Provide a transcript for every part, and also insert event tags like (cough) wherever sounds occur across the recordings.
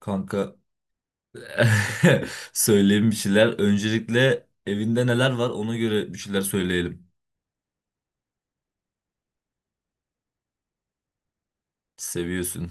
Kanka (laughs) söyleyeyim bir şeyler. Öncelikle evinde neler var ona göre bir şeyler söyleyelim. Seviyorsun.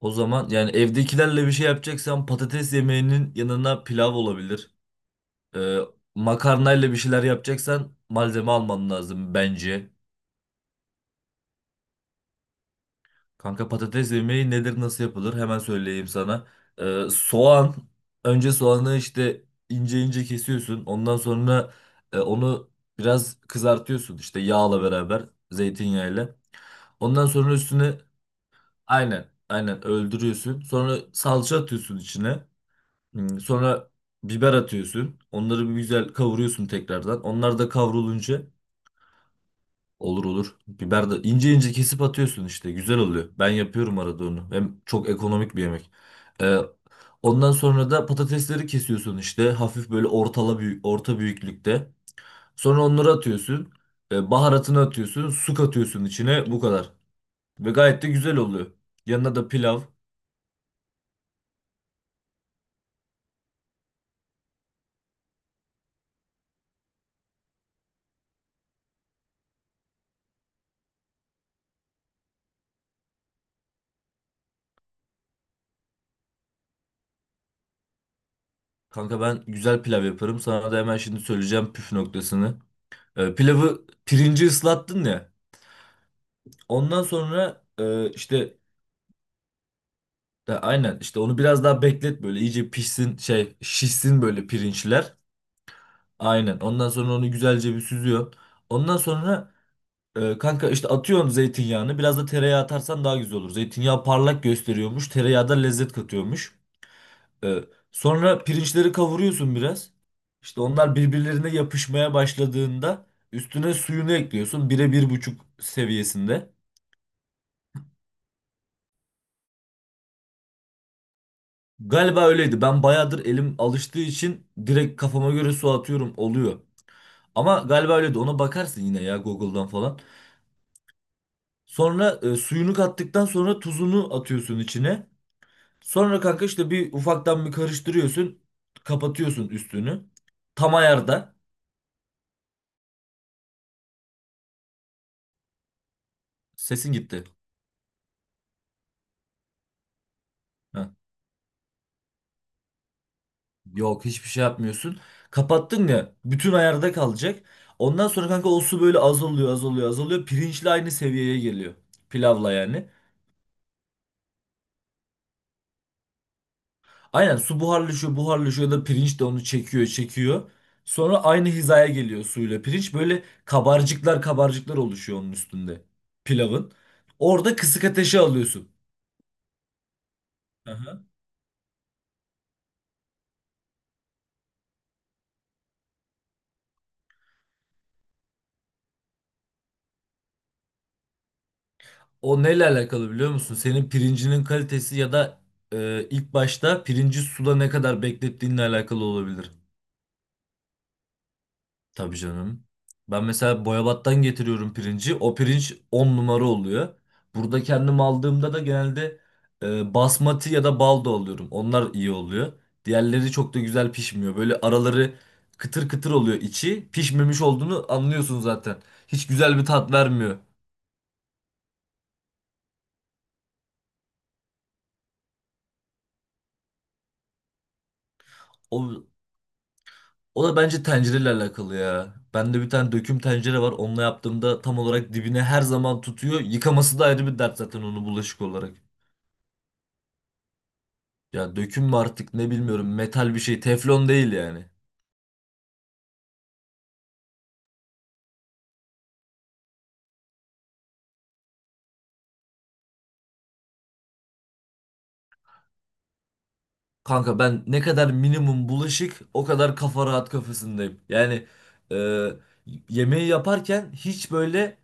O zaman yani evdekilerle bir şey yapacaksan patates yemeğinin yanına pilav olabilir. Ee, Makarnayla bir şeyler yapacaksan malzeme alman lazım bence. Kanka patates yemeği nedir nasıl yapılır hemen söyleyeyim sana. Soğan Önce soğanı işte ince ince kesiyorsun. Ondan sonra onu biraz kızartıyorsun işte yağla beraber zeytinyağıyla. Ondan sonra üstüne aynen aynen öldürüyorsun. Sonra salça atıyorsun içine. Sonra biber atıyorsun. Onları bir güzel kavuruyorsun tekrardan. Onlar da kavrulunca olur olur. Biber de ince ince kesip atıyorsun işte. Güzel oluyor. Ben yapıyorum arada onu. Hem çok ekonomik bir yemek. Ee, Ondan sonra da patatesleri kesiyorsun işte. Hafif böyle ortala büyük, orta büyüklükte. Sonra onları atıyorsun. Baharatını atıyorsun. Su katıyorsun içine. Bu kadar. Ve gayet de güzel oluyor. Yanına da pilav. Kanka ben güzel pilav yaparım. Sana da hemen şimdi söyleyeceğim püf noktasını. Pilavı Pirinci ıslattın ya. Ondan sonra işte. Aynen işte onu biraz daha beklet böyle iyice pişsin şişsin böyle pirinçler. Aynen ondan sonra onu güzelce bir süzüyorsun. Ondan sonra kanka işte atıyorsun zeytinyağını, biraz da tereyağı atarsan daha güzel olur. Zeytinyağı parlak gösteriyormuş, tereyağı da lezzet katıyormuş. E, Sonra pirinçleri kavuruyorsun biraz. İşte onlar birbirlerine yapışmaya başladığında üstüne suyunu ekliyorsun, 1'e 1,5 seviyesinde. Galiba öyleydi, ben bayağıdır elim alıştığı için direkt kafama göre su atıyorum, oluyor. Ama galiba öyle, de ona bakarsın yine ya, Google'dan falan. Sonra suyunu kattıktan sonra tuzunu atıyorsun içine. Sonra kanka işte bir ufaktan bir karıştırıyorsun. Kapatıyorsun üstünü. Tam ayarda. Sesin gitti. Heh. Yok, hiçbir şey yapmıyorsun. Kapattın ya, bütün ayarda kalacak. Ondan sonra kanka o su böyle azalıyor azalıyor azalıyor. Pirinçle aynı seviyeye geliyor. Pilavla yani. Aynen, su buharlaşıyor, buharlaşıyor da pirinç de onu çekiyor, çekiyor. Sonra aynı hizaya geliyor suyla pirinç. Böyle kabarcıklar kabarcıklar oluşuyor onun üstünde, pilavın. Orada kısık ateşe alıyorsun. Aha. O neyle alakalı biliyor musun? Senin pirincinin kalitesi ya da ilk başta pirinci suda ne kadar beklettiğinle alakalı olabilir. Tabii canım. Ben mesela Boyabat'tan getiriyorum pirinci. O pirinç 10 numara oluyor. Burada kendim aldığımda da genelde basmati ya da baldo alıyorum. Onlar iyi oluyor. Diğerleri çok da güzel pişmiyor. Böyle araları kıtır kıtır oluyor içi. Pişmemiş olduğunu anlıyorsun zaten. Hiç güzel bir tat vermiyor. O, o da bence tencereyle alakalı ya. Bende bir tane döküm tencere var. Onunla yaptığımda tam olarak dibine her zaman tutuyor. Yıkaması da ayrı bir dert zaten onu, bulaşık olarak. Ya döküm mü artık ne, bilmiyorum, metal bir şey, teflon değil yani. Kanka ben, ne kadar minimum bulaşık o kadar kafa rahat kafasındayım. Yani e, yemeği yaparken hiç böyle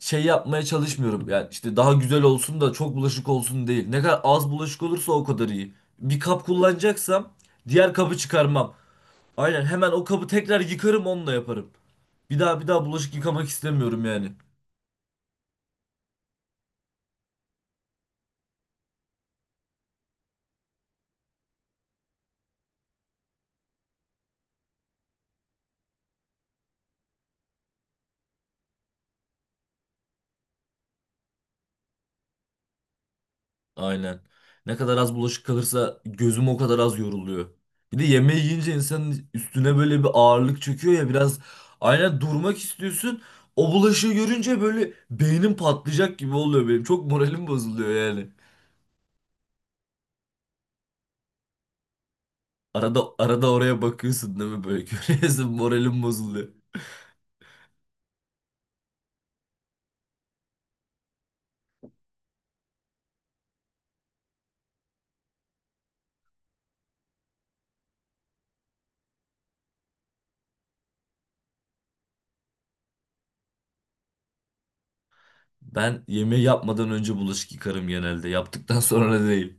şey yapmaya çalışmıyorum. Yani işte daha güzel olsun da çok bulaşık olsun değil. Ne kadar az bulaşık olursa o kadar iyi. Bir kap kullanacaksam diğer kabı çıkarmam. Aynen hemen o kabı tekrar yıkarım, onunla yaparım. Bir daha bir daha bulaşık yıkamak istemiyorum yani. Aynen. Ne kadar az bulaşık kalırsa gözüm o kadar az yoruluyor. Bir de yemeği yiyince insanın üstüne böyle bir ağırlık çöküyor ya biraz, aynen, durmak istiyorsun. O bulaşığı görünce böyle beynim patlayacak gibi oluyor benim. Çok moralim bozuluyor yani. Arada arada oraya bakıyorsun değil mi böyle, (laughs) görüyorsun, moralim bozuluyor. Ben yemeği yapmadan önce bulaşık yıkarım genelde. Yaptıktan sonra da değil.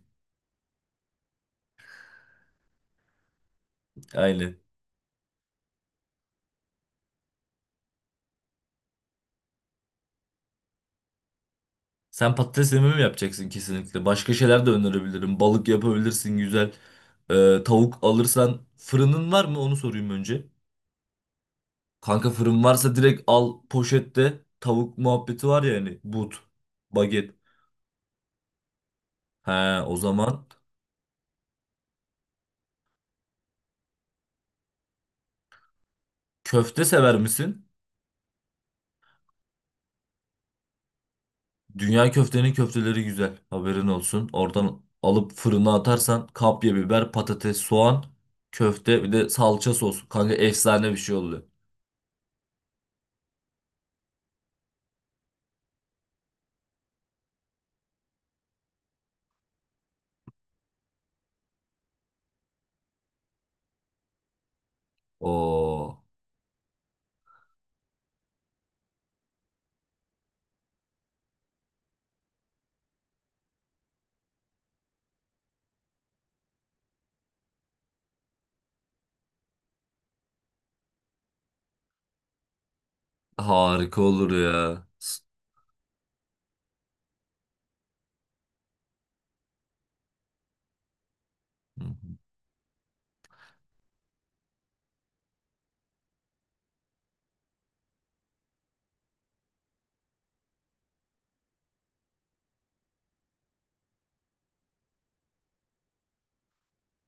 Aynen. Sen patates yememi mi yapacaksın kesinlikle? Başka şeyler de önerebilirim. Balık yapabilirsin, güzel. Tavuk alırsan fırının var mı? Onu sorayım önce. Kanka fırın varsa direkt al poşette. Tavuk muhabbeti var ya, hani but, baget. He, o zaman köfte sever misin? Dünya Köftenin köfteleri güzel. Haberin olsun. Oradan alıp fırına atarsan kapya biber, patates, soğan, köfte, bir de salça sos. Kanka efsane bir şey oluyor. Oo. Harika olur ya.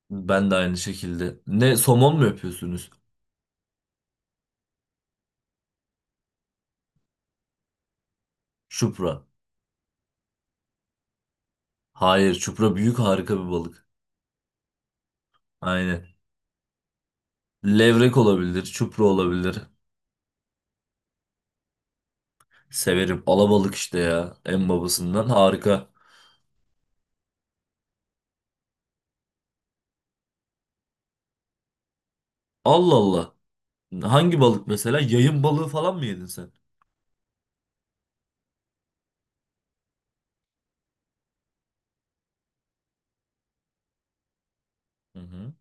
Ben de aynı şekilde. Ne, somon mu yapıyorsunuz? Çupra. Hayır, çupra büyük, harika bir balık. Aynen. Levrek olabilir, çupra olabilir. Severim. Alabalık işte ya. En babasından, harika. Allah Allah. Hangi balık mesela? Yayın balığı falan mı yedin sen? Hı hı.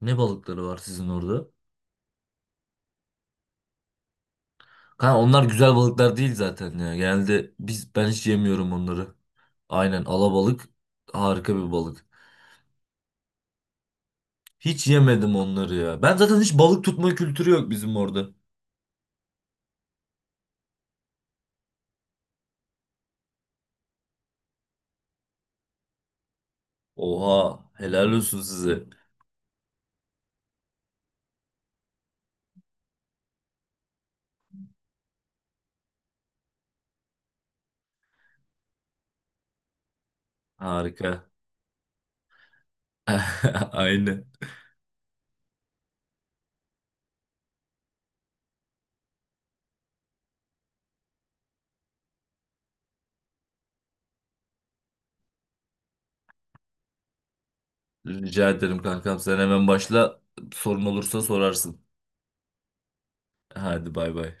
Ne balıkları var sizin orada? Ha, onlar güzel balıklar değil zaten ya. Genelde ben hiç yemiyorum onları. Aynen, alabalık harika bir balık. Hiç yemedim onları ya. Ben, zaten hiç balık tutma kültürü yok bizim orada. Oha, helal olsun size. Harika. (laughs) Aynen. Rica ederim kankam. Sen hemen başla. Sorun olursa sorarsın. Hadi bay bay.